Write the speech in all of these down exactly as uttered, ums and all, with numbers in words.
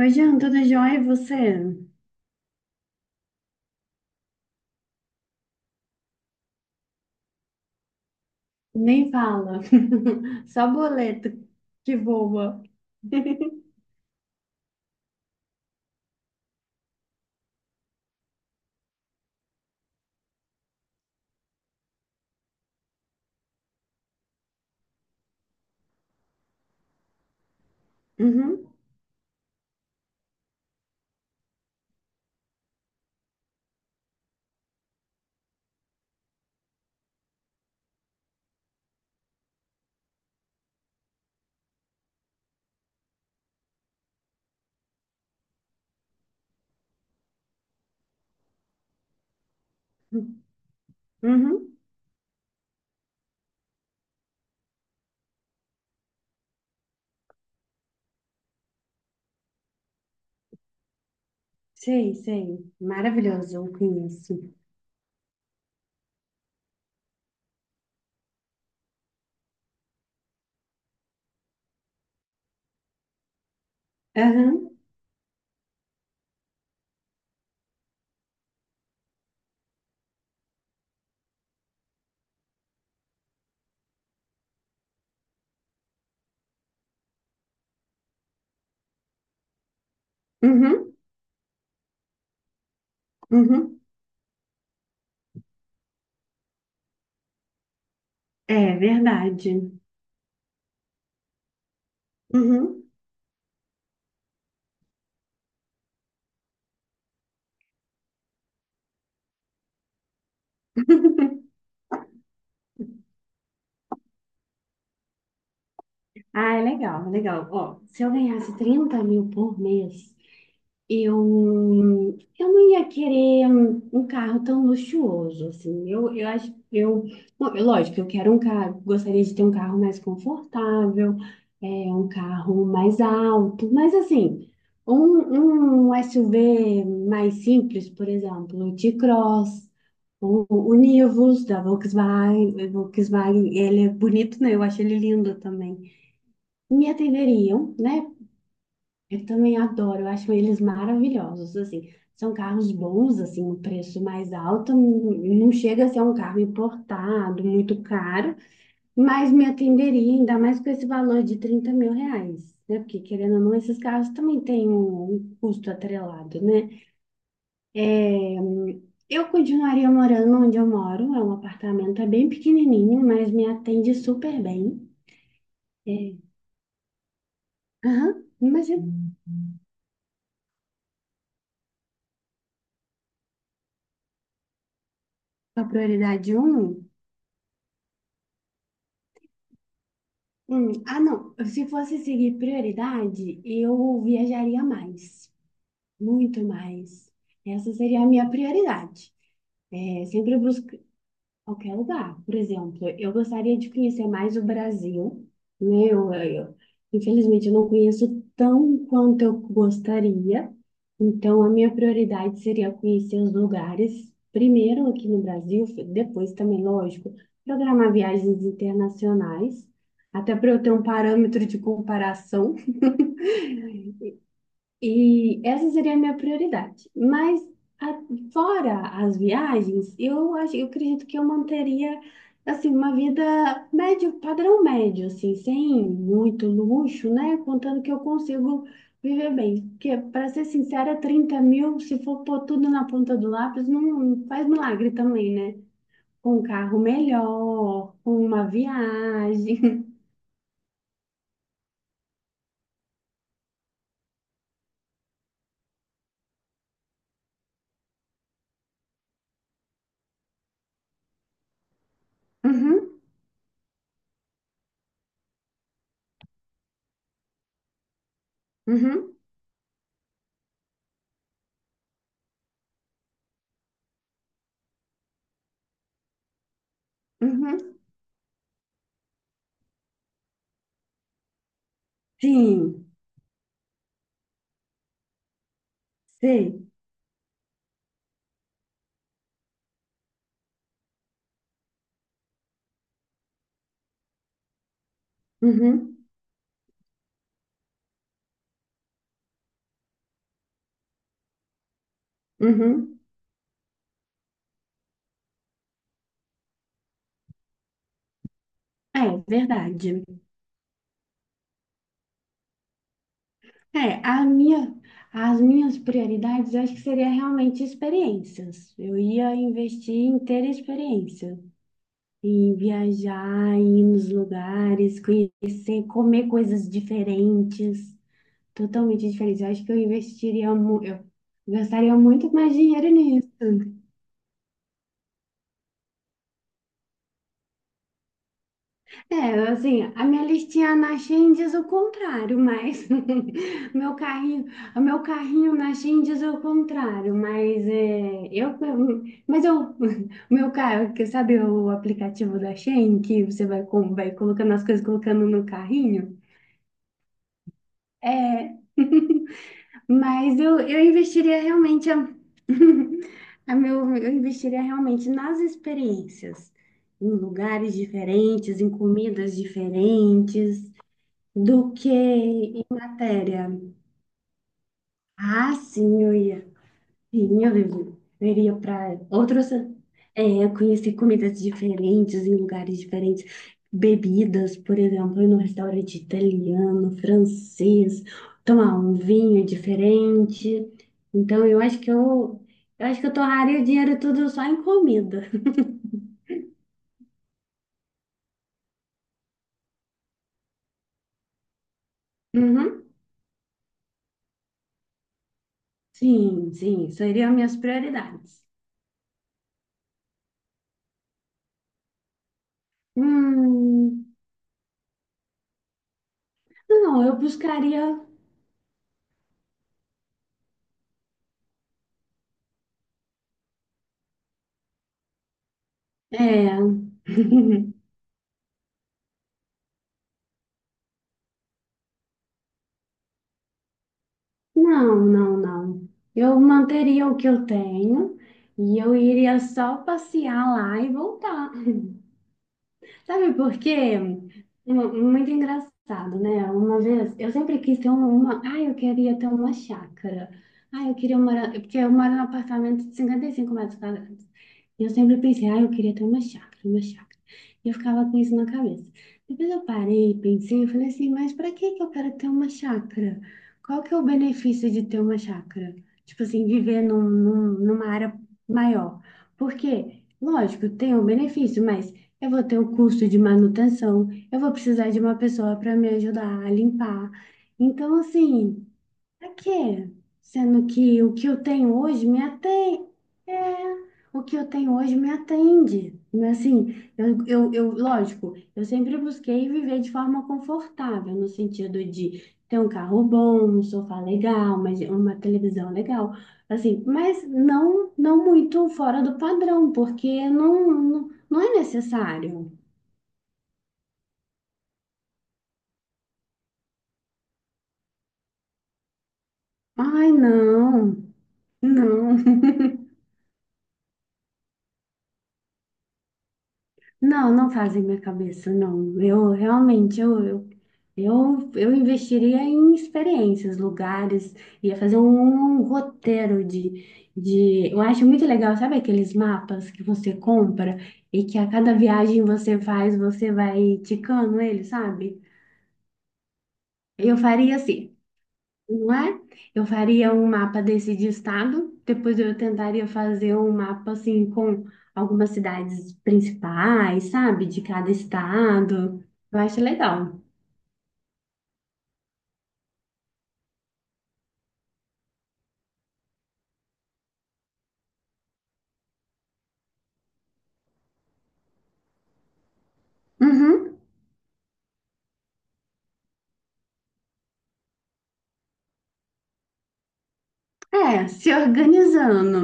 Oi, Jean, tudo jóia? E você? Nem fala. Só boleto que voa. Uhum. Uhum. Sei, sei. Maravilhoso, eu conheço. Aham. Uhum. Uhum. É verdade. Uhum. Ah, é legal, é legal. Ó, se eu ganhasse trinta mil por mês, Eu, eu não ia querer um, um carro tão luxuoso, assim. Eu, eu acho, eu, bom, é lógico, eu quero um carro, gostaria de ter um carro mais confortável, é, um carro mais alto, mas assim, um, um suv mais simples, por exemplo, o T-Cross, o, o Nivus da Volkswagen, Volkswagen, ele é bonito, né? Eu acho ele lindo também, me atenderiam, né? Eu também adoro, eu acho eles maravilhosos, assim. São carros bons, assim, um preço mais alto, n- não chega a ser um carro importado, muito caro, mas me atenderia, ainda mais com esse valor de trinta mil reais, né? Porque, querendo ou não, esses carros também têm um um custo atrelado, né? É, eu continuaria morando onde eu moro, é um apartamento, é bem pequenininho, mas me atende super bem. É, aham, imagina, a prioridade um. Hum, ah, não. Se fosse seguir prioridade, eu viajaria mais, muito mais. Essa seria a minha prioridade. É, sempre bus- qualquer lugar. Por exemplo, eu gostaria de conhecer mais o Brasil, né? Eu, eu- infelizmente, eu não conheço tão quanto eu gostaria. Então, a minha prioridade seria conhecer os lugares, primeiro aqui no Brasil, depois também, lógico, programar viagens internacionais, até para eu ter um parâmetro de comparação. E essa seria a minha prioridade. Mas a- fora as viagens, eu acho, eu acredito que eu manteria assim uma vida médio, padrão médio, assim, sem muito luxo, né? Contando que eu consigo viver bem. Porque, para ser sincera, trinta mil, se for pôr tudo na ponta do lápis, não não faz milagre também, né? Com um carro melhor, com uma viagem. Uhum, uhum, uhum. Sim, sei. Uhum, uhum. É verdade. É, a minha, as minhas prioridades eu acho que seria realmente experiências. Eu ia investir em ter experiência, em viajar, em ir nos lugares, conhecer, comer coisas diferentes, totalmente diferentes. Eu acho que eu investiria, mu- eu gastaria muito mais dinheiro nisso. É, assim, a minha listinha na Shein diz o contrário, mas meu carrinho, o meu carrinho na Shein diz o contrário, mas é, eu, mas eu, meu carro, que sabe o aplicativo da Shein que você vai, com- vai colocando as coisas colocando no carrinho? É, mas eu, eu investiria realmente a, a meu, eu investiria realmente nas experiências, em lugares diferentes, em comidas diferentes. Do que em matéria. Ah, sim, eu ia. Sim, eu iria, eu iria para outros, é, conhecer comidas diferentes em lugares diferentes, bebidas, por exemplo, ir num restaurante italiano, francês, tomar um vinho diferente. Então, eu acho que eu, eu acho que eu torraria o dinheiro tudo só em comida. Uhum. Sim, sim, seriam minhas prioridades. Hum, não, eu buscaria. É. Não, não, não. Eu manteria o que eu tenho e eu iria só passear lá e voltar. Sabe por quê? É. Mu- Muito engraçado, né? Uma vez, eu sempre quis ter uma, uma... Ai, eu queria ter uma chácara. Ai, eu queria morar... Porque eu moro num apartamento de cinquenta e cinco metros quadrados. E eu sempre pensei, ai, eu queria ter uma chácara, uma chácara. E eu ficava com isso na cabeça. Depois eu parei, pensei, eu falei assim, mas para que que eu quero ter uma chácara? Qual que é o benefício de ter uma chácara? Tipo assim, viver num, num- numa área maior. Porque, lógico, tem um benefício, mas eu vou ter o custo de manutenção, eu vou precisar de uma pessoa para me ajudar a limpar. Então, assim. Pra quê? Sendo que o que eu tenho hoje me atende. É, o que eu tenho hoje me atende. Mas, assim, eu, eu, eu, lógico, eu sempre busquei viver de forma confortável, no sentido de ter um carro bom, um sofá legal, uma, uma televisão legal, assim, mas não, não muito fora do padrão, porque não, não, não é necessário. Ai, não, não. Não, não fazem minha cabeça, não. Eu realmente, eu, eu, eu, eu investiria em experiências, lugares, ia fazer um, um roteiro de, de... Eu acho muito legal, sabe aqueles mapas que você compra e que a cada viagem você faz, você vai ticando ele, sabe? Eu faria assim. Não é? Eu faria um mapa desse de estado, depois eu tentaria fazer um mapa assim com algumas cidades principais, sabe? De cada estado. Eu acho legal. Uhum. É, se organizando.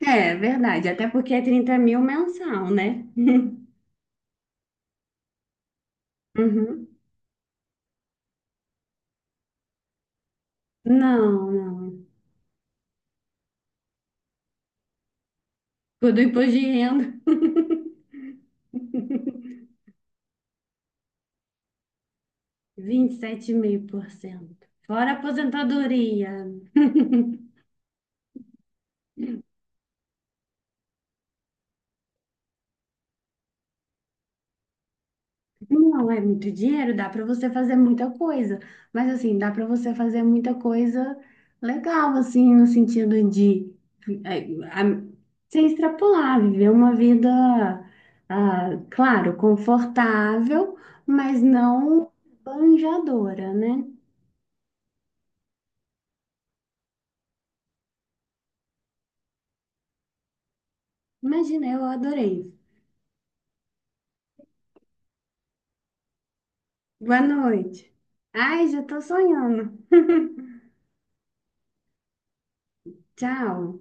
É, verdade. Até porque é trinta mil mensal, né? Uhum. Não, não. Tudo imposto de renda. Vinte e sete vírgula cinco por cento. Fora a aposentadoria. Não é muito dinheiro, dá para você fazer muita coisa, mas assim, dá para você fazer muita coisa legal, assim, no sentido de eh, a- se extrapolar, viver uma vida, ah, claro, confortável, mas não banjadora, né? Imagina, eu adorei. Boa noite. Ai, já tô sonhando. Tchau.